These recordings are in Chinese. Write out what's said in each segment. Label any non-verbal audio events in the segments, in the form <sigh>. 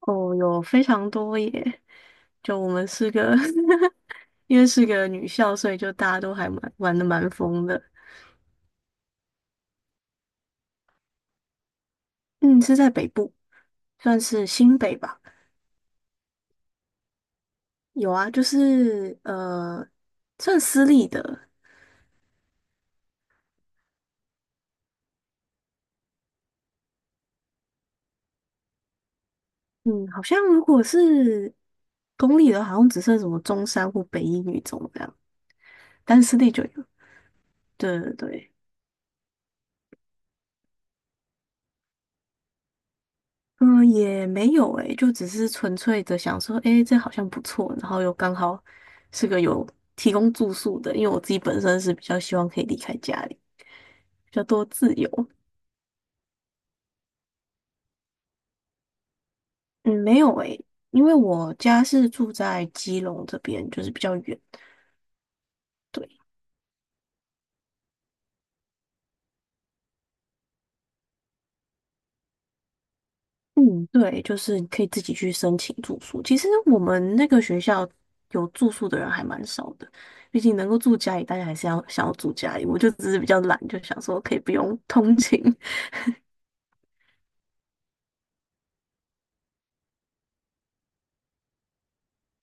哦，有非常多耶！就我们是个 <laughs> 因为是个女校，所以就大家都还蛮玩的蛮疯的。嗯，是在北部，算是新北吧。有啊，就是算私立的。嗯，好像如果是公立的，好像只剩什么中山或北一女中这样，但私立就有。对对对。嗯，也没有诶，就只是纯粹的想说，诶，这好像不错，然后又刚好是个有提供住宿的，因为我自己本身是比较希望可以离开家里，比较多自由。嗯，没有诶，因为我家是住在基隆这边，就是比较远。对，嗯，对，就是你可以自己去申请住宿。其实我们那个学校有住宿的人还蛮少的，毕竟能够住家里，大家还是要想要住家里。我就只是比较懒，就想说可以不用通勤。<laughs>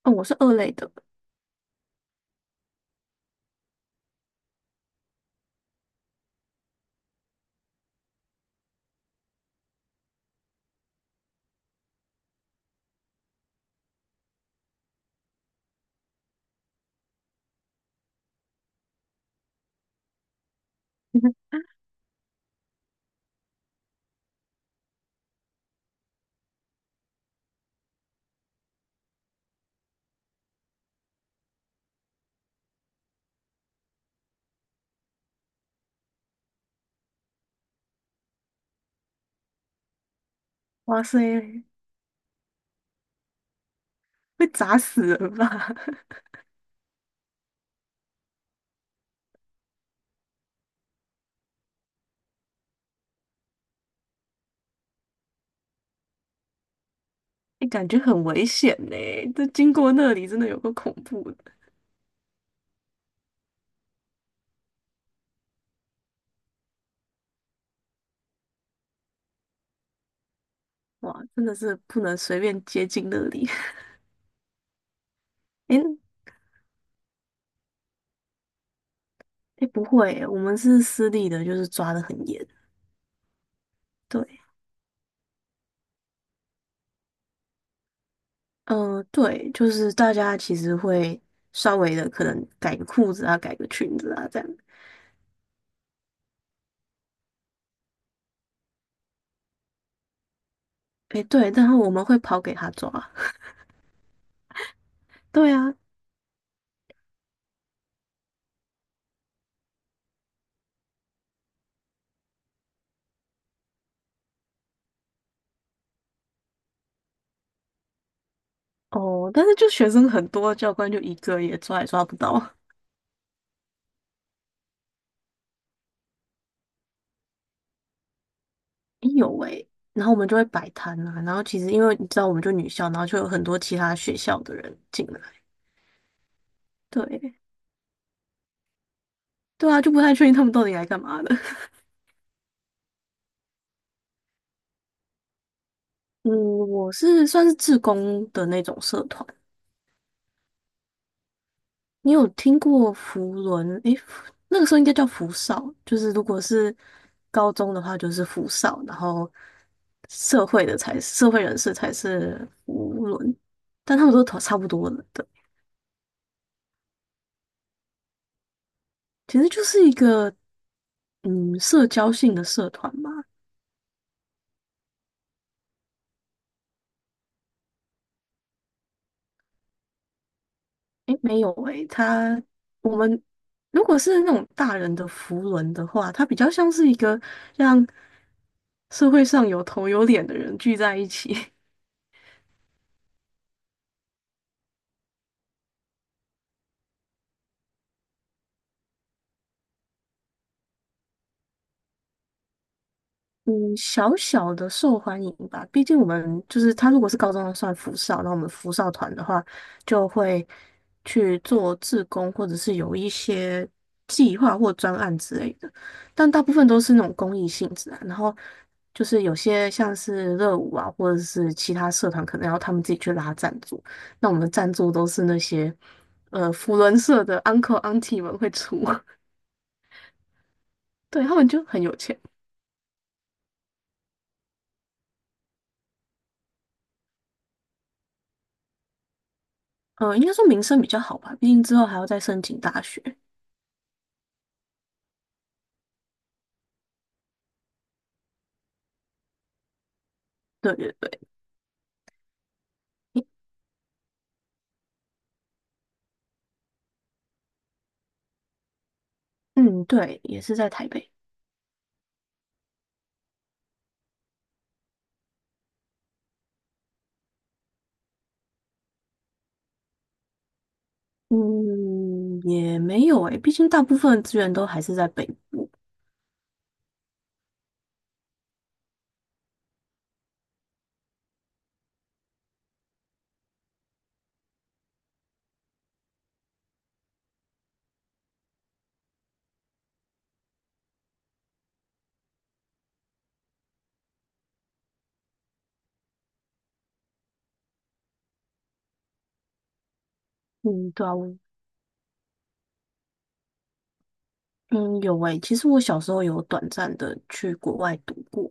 嗯，我是二类的。<laughs> 哇塞，会砸死人吧？<laughs> 哎，感觉很危险呢。这经过那里真的有个恐怖的。哇，真的是不能随便接近那里。<laughs> 哎哎，不会耶，我们是私立的，就是抓得很严。对，嗯、对，就是大家其实会稍微的可能改个裤子啊，改个裙子啊，这样。哎，对，然后我们会跑给他抓。<laughs> 对啊。哦，但是就学生很多，教官就一个也抓也抓不到。哎有诶、然后我们就会摆摊啊，然后其实因为你知道，我们就女校，然后就有很多其他学校的人进来。对，对啊，就不太确定他们到底来干嘛的。<laughs> 嗯，我是算是志工的那种社团。你有听过福伦？诶、那个时候应该叫福少，就是如果是高中的话就是福少，然后社会人士才是福伦，但他们都差不多的。对，其实就是一个社交性的社团吧。诶，没有诶，我们如果是那种大人的扶轮的话，它比较像是一个让社会上有头有脸的人聚在一起，<laughs> 嗯，小小的受欢迎吧。毕竟我们就是他，如果是高中的算福少，那我们福少团的话，就会去做志工，或者是有一些计划或专案之类的。但大部分都是那种公益性质啊。然后就是有些像是热舞啊，或者是其他社团，可能要他们自己去拉赞助。那我们的赞助都是那些福伦社的 uncle auntie 们会出，<laughs> 对，他们就很有钱。嗯，应该说民生比较好吧，毕竟之后还要再申请大学。对对对。诶嗯，对，也是在台北。嗯，也没有诶，毕竟大部分的资源都还是在北部。嗯，对啊，我嗯有诶，其实我小时候有短暂的去国外读过。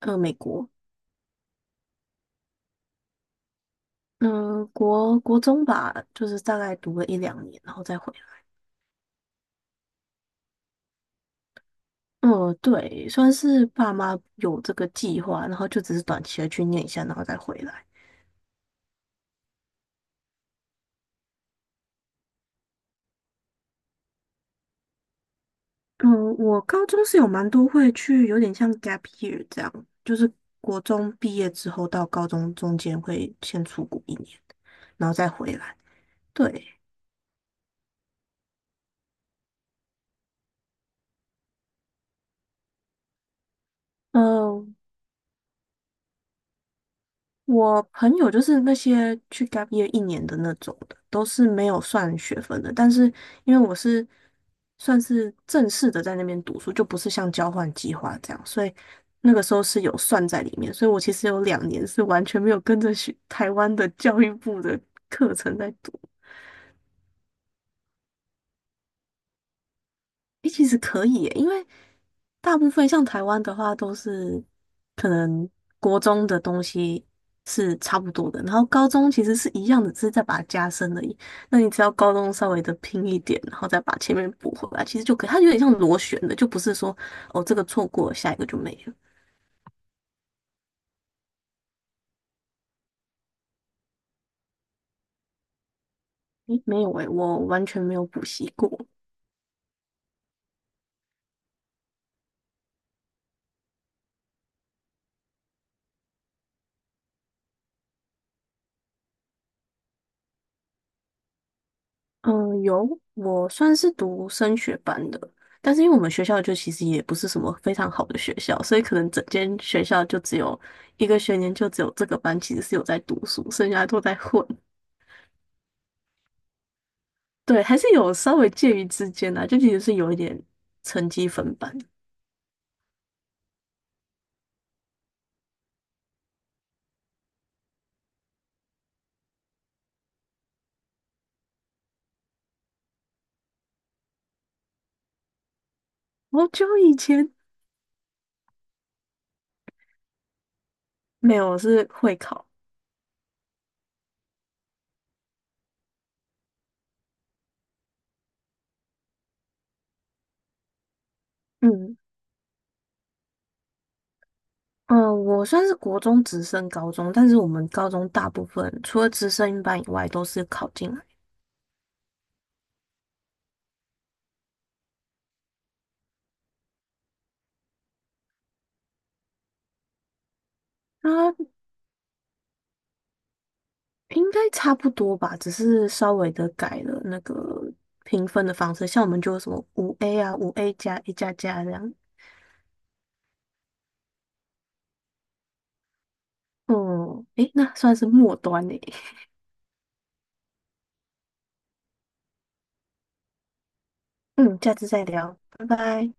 美国。嗯、国中吧，就是大概读了一两年，然后再回来。嗯，对，算是爸妈有这个计划，然后就只是短期的去念一下，然后再回来。嗯，我高中是有蛮多会去，有点像 gap year 这样，就是国中毕业之后到高中中间会先出国一年，然后再回来。对，呃我朋友就是那些去 gap year 一年的那种的，都是没有算学分的。但是因为我是算是正式的在那边读书，就不是像交换计划这样，所以那个时候是有算在里面。所以我其实有两年是完全没有跟着学台湾的教育部的课程在读。诶，其实可以耶，因为大部分像台湾的话，都是可能国中的东西是差不多的，然后高中其实是一样的，只是再把它加深而已。那你只要高中稍微的拼一点，然后再把前面补回来，其实就可以。它有点像螺旋的，就不是说哦这个错过了下一个就没了。诶，没有诶，我完全没有补习过。嗯，有，我算是读升学班的，但是因为我们学校就其实也不是什么非常好的学校，所以可能整间学校就只有一个学年就只有这个班其实是有在读书，剩下都在混。对，还是有稍微介于之间的就其实是有一点成绩分班。好久以前没有，我是会考。嗯嗯，我算是国中直升高中，但是我们高中大部分除了直升班以外都是考进来。啊。应该差不多吧，只是稍微的改了那个评分的方式，像我们就有什么五 A 啊、5A+、A++这样。嗯，诶，那算是末端诶。嗯，下次再聊，拜拜。